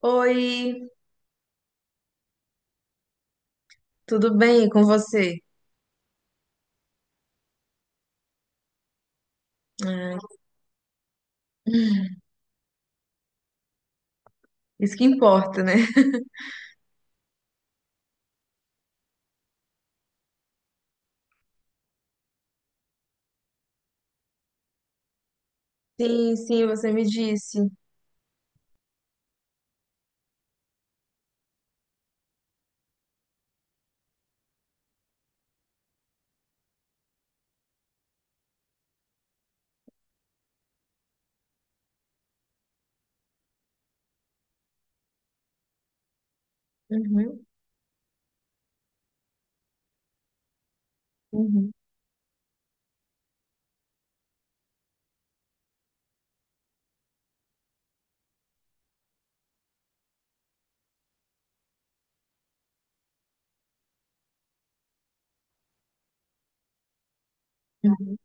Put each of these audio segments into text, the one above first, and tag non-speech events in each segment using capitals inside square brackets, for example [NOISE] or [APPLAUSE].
Oi, tudo bem com você? Ah, isso que importa, né? Sim, sim, você me disse. Uhum, uhum, uhum.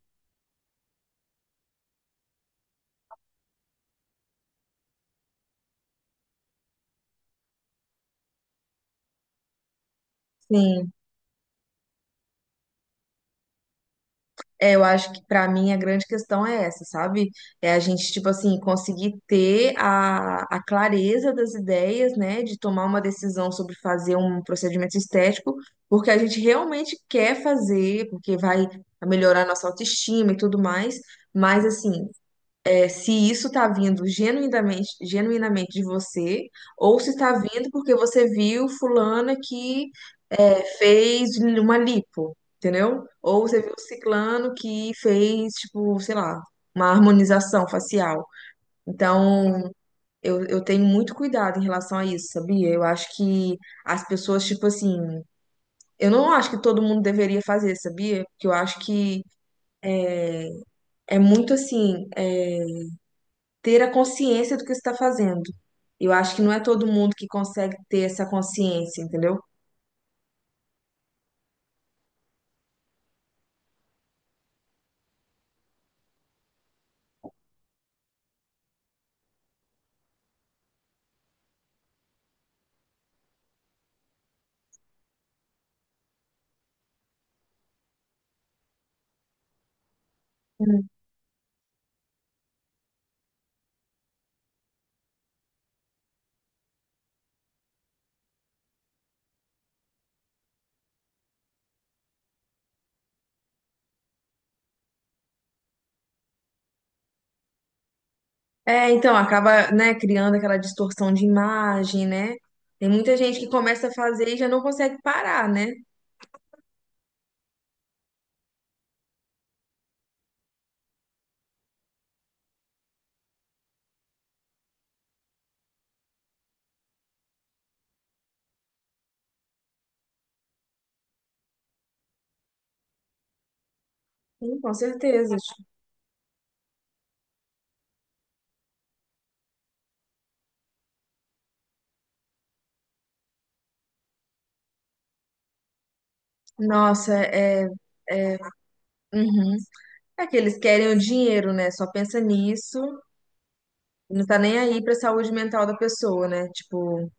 Sim. É, eu acho que pra mim a grande questão é essa, sabe? É a gente, tipo assim, conseguir ter a, clareza das ideias, né? De tomar uma decisão sobre fazer um procedimento estético, porque a gente realmente quer fazer, porque vai melhorar a nossa autoestima e tudo mais. Mas, assim, é, se isso está vindo genuinamente, genuinamente de você, ou se está vindo porque você viu fulana que é, fez uma lipo, entendeu? Ou você viu ciclano que fez, tipo, sei lá, uma harmonização facial. Então, eu tenho muito cuidado em relação a isso, sabia? Eu acho que as pessoas, tipo assim, eu não acho que todo mundo deveria fazer, sabia? Porque eu acho que é muito assim. É, ter a consciência do que está fazendo. Eu acho que não é todo mundo que consegue ter essa consciência, entendeu? Hum. É, então acaba, né, criando aquela distorção de imagem, né? Tem muita gente que começa a fazer e já não consegue parar, né? Sim, com certeza. Nossa, é, é, uhum. É que eles querem o dinheiro, né? Só pensa nisso, não tá nem aí pra saúde mental da pessoa, né? Tipo,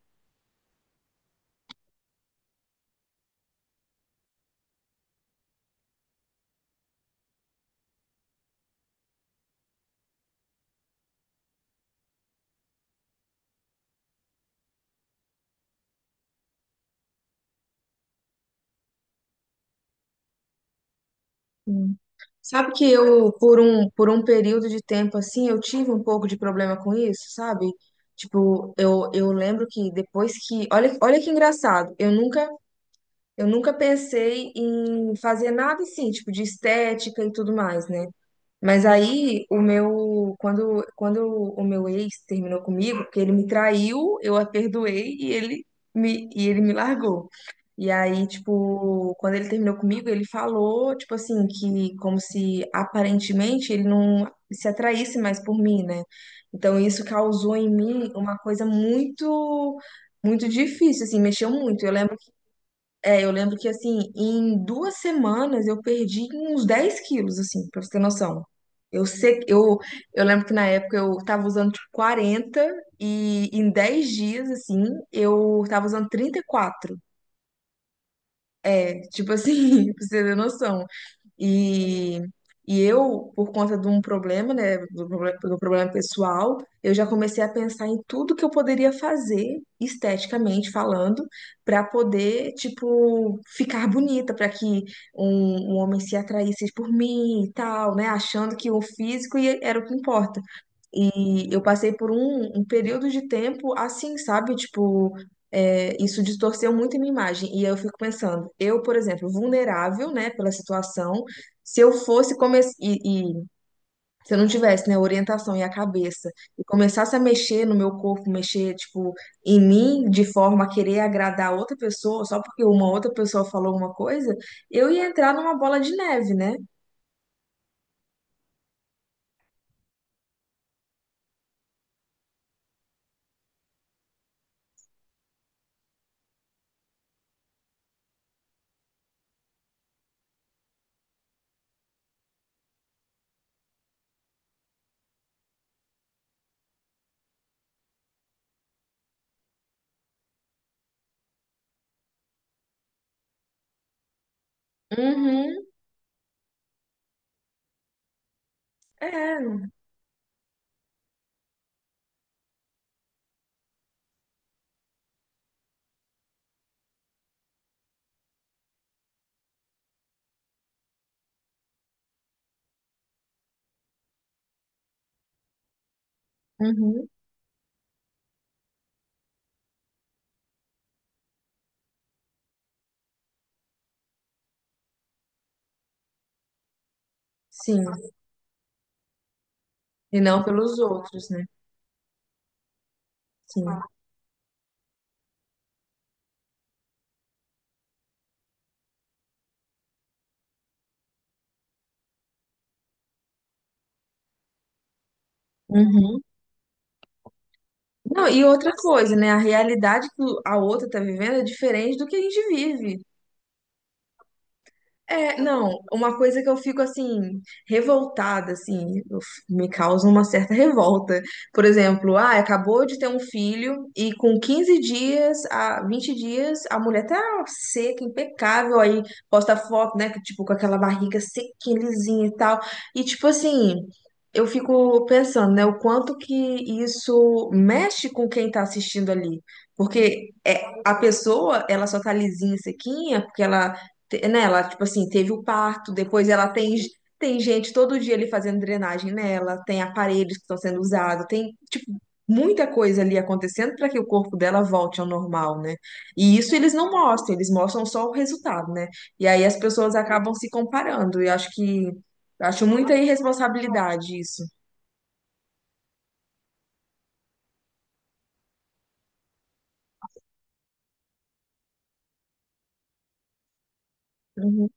sabe que eu, por um período de tempo assim, eu tive um pouco de problema com isso, sabe? Tipo, eu lembro que depois que. Olha, olha que engraçado, eu nunca pensei em fazer nada assim, tipo, de estética e tudo mais, né? Mas aí o meu. Quando o meu ex terminou comigo, porque ele me traiu, eu a perdoei e ele me largou. E aí, tipo, quando ele terminou comigo, ele falou, tipo assim, que como se aparentemente ele não se atraísse mais por mim, né? Então isso causou em mim uma coisa muito, muito difícil, assim, mexeu muito. Eu lembro, é, eu lembro que assim, em 2 semanas eu perdi uns 10 quilos, assim, pra você ter noção. Eu sei, eu lembro que na época eu tava usando tipo 40 e em 10 dias, assim, eu tava usando 34 é, tipo assim, [LAUGHS] pra você ter noção. E, e eu, por conta de um problema, né, do do problema pessoal, eu já comecei a pensar em tudo que eu poderia fazer, esteticamente falando, para poder, tipo, ficar bonita, para que um homem se atraísse por mim e tal, né, achando que o físico era o que importa. E eu passei por um período de tempo assim, sabe? Tipo, é, isso distorceu muito a minha imagem. E eu fico pensando, eu, por exemplo, vulnerável, né, pela situação, se eu fosse começar e se eu não tivesse, né, orientação e a cabeça e começasse a mexer no meu corpo, mexer, tipo, em mim de forma a querer agradar outra pessoa, só porque uma outra pessoa falou uma coisa, eu ia entrar numa bola de neve, né? Uhum, é, uhum, sim. E não pelos outros, né? Sim. Uhum. Não, e outra coisa, né? A realidade que a outra tá vivendo é diferente do que a gente vive. É, não, uma coisa que eu fico assim, revoltada, assim, eu me causa uma certa revolta. Por exemplo, ah, acabou de ter um filho e com 15 dias, a 20 dias, a mulher tá seca, impecável, aí posta foto, né, que, tipo, com aquela barriga sequinha, lisinha e tal. E tipo assim, eu fico pensando, né, o quanto que isso mexe com quem tá assistindo ali. Porque é, a pessoa, ela só tá lisinha, sequinha, porque ela né, ela, tipo assim, teve o parto, depois ela tem, tem gente todo dia ali fazendo drenagem nela, tem aparelhos que estão sendo usados, tem, tipo, muita coisa ali acontecendo para que o corpo dela volte ao normal, né? E isso eles não mostram, eles mostram só o resultado, né? E aí as pessoas acabam se comparando, e acho que, acho muita irresponsabilidade isso. Uhum.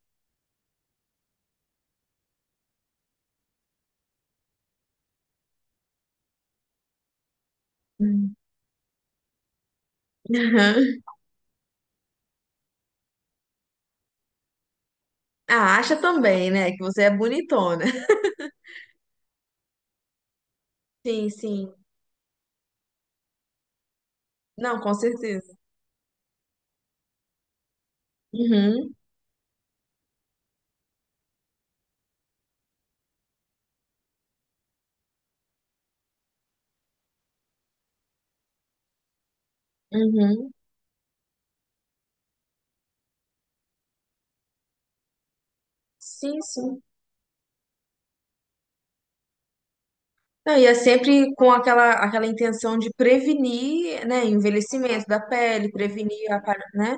[LAUGHS] Ah, acha também, né, que você é bonitona. Sim, sim. Não, com certeza. Uhum, uhum. Sim, sim. Não, e é sempre com aquela, aquela intenção de prevenir, né, envelhecimento da pele, prevenir né?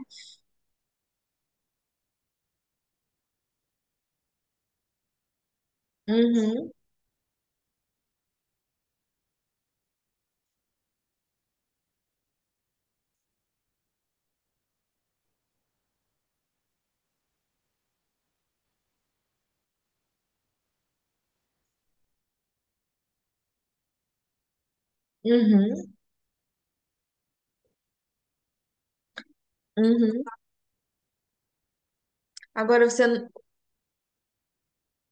Uhum, uhum, uhum. Agora você,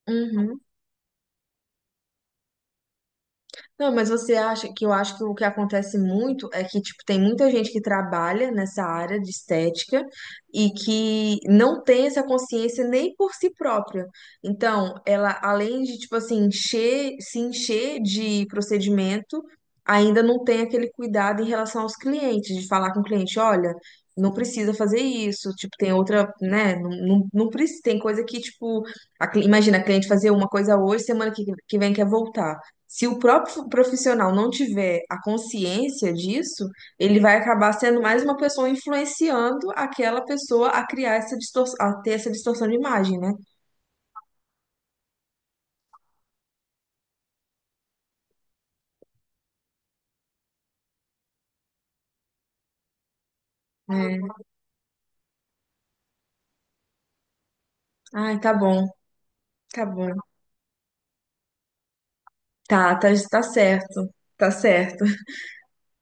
uhum. Não, mas você acha que eu acho que o que acontece muito é que, tipo, tem muita gente que trabalha nessa área de estética e que não tem essa consciência nem por si própria. Então, ela, além de, tipo assim, encher, se encher de procedimento, ainda não tem aquele cuidado em relação aos clientes, de falar com o cliente, olha, não precisa fazer isso, tipo, tem outra, né, não, não, não precisa, tem coisa que, tipo, imagina a cliente fazer uma coisa hoje, semana que vem quer voltar. Se o próprio profissional não tiver a consciência disso, ele vai acabar sendo mais uma pessoa influenciando aquela pessoa a criar essa distorção, a ter essa distorção de imagem, né? É. Ai, tá bom, tá bom. Tá, tá, tá certo, tá certo.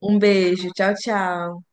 Um beijo, tchau, tchau.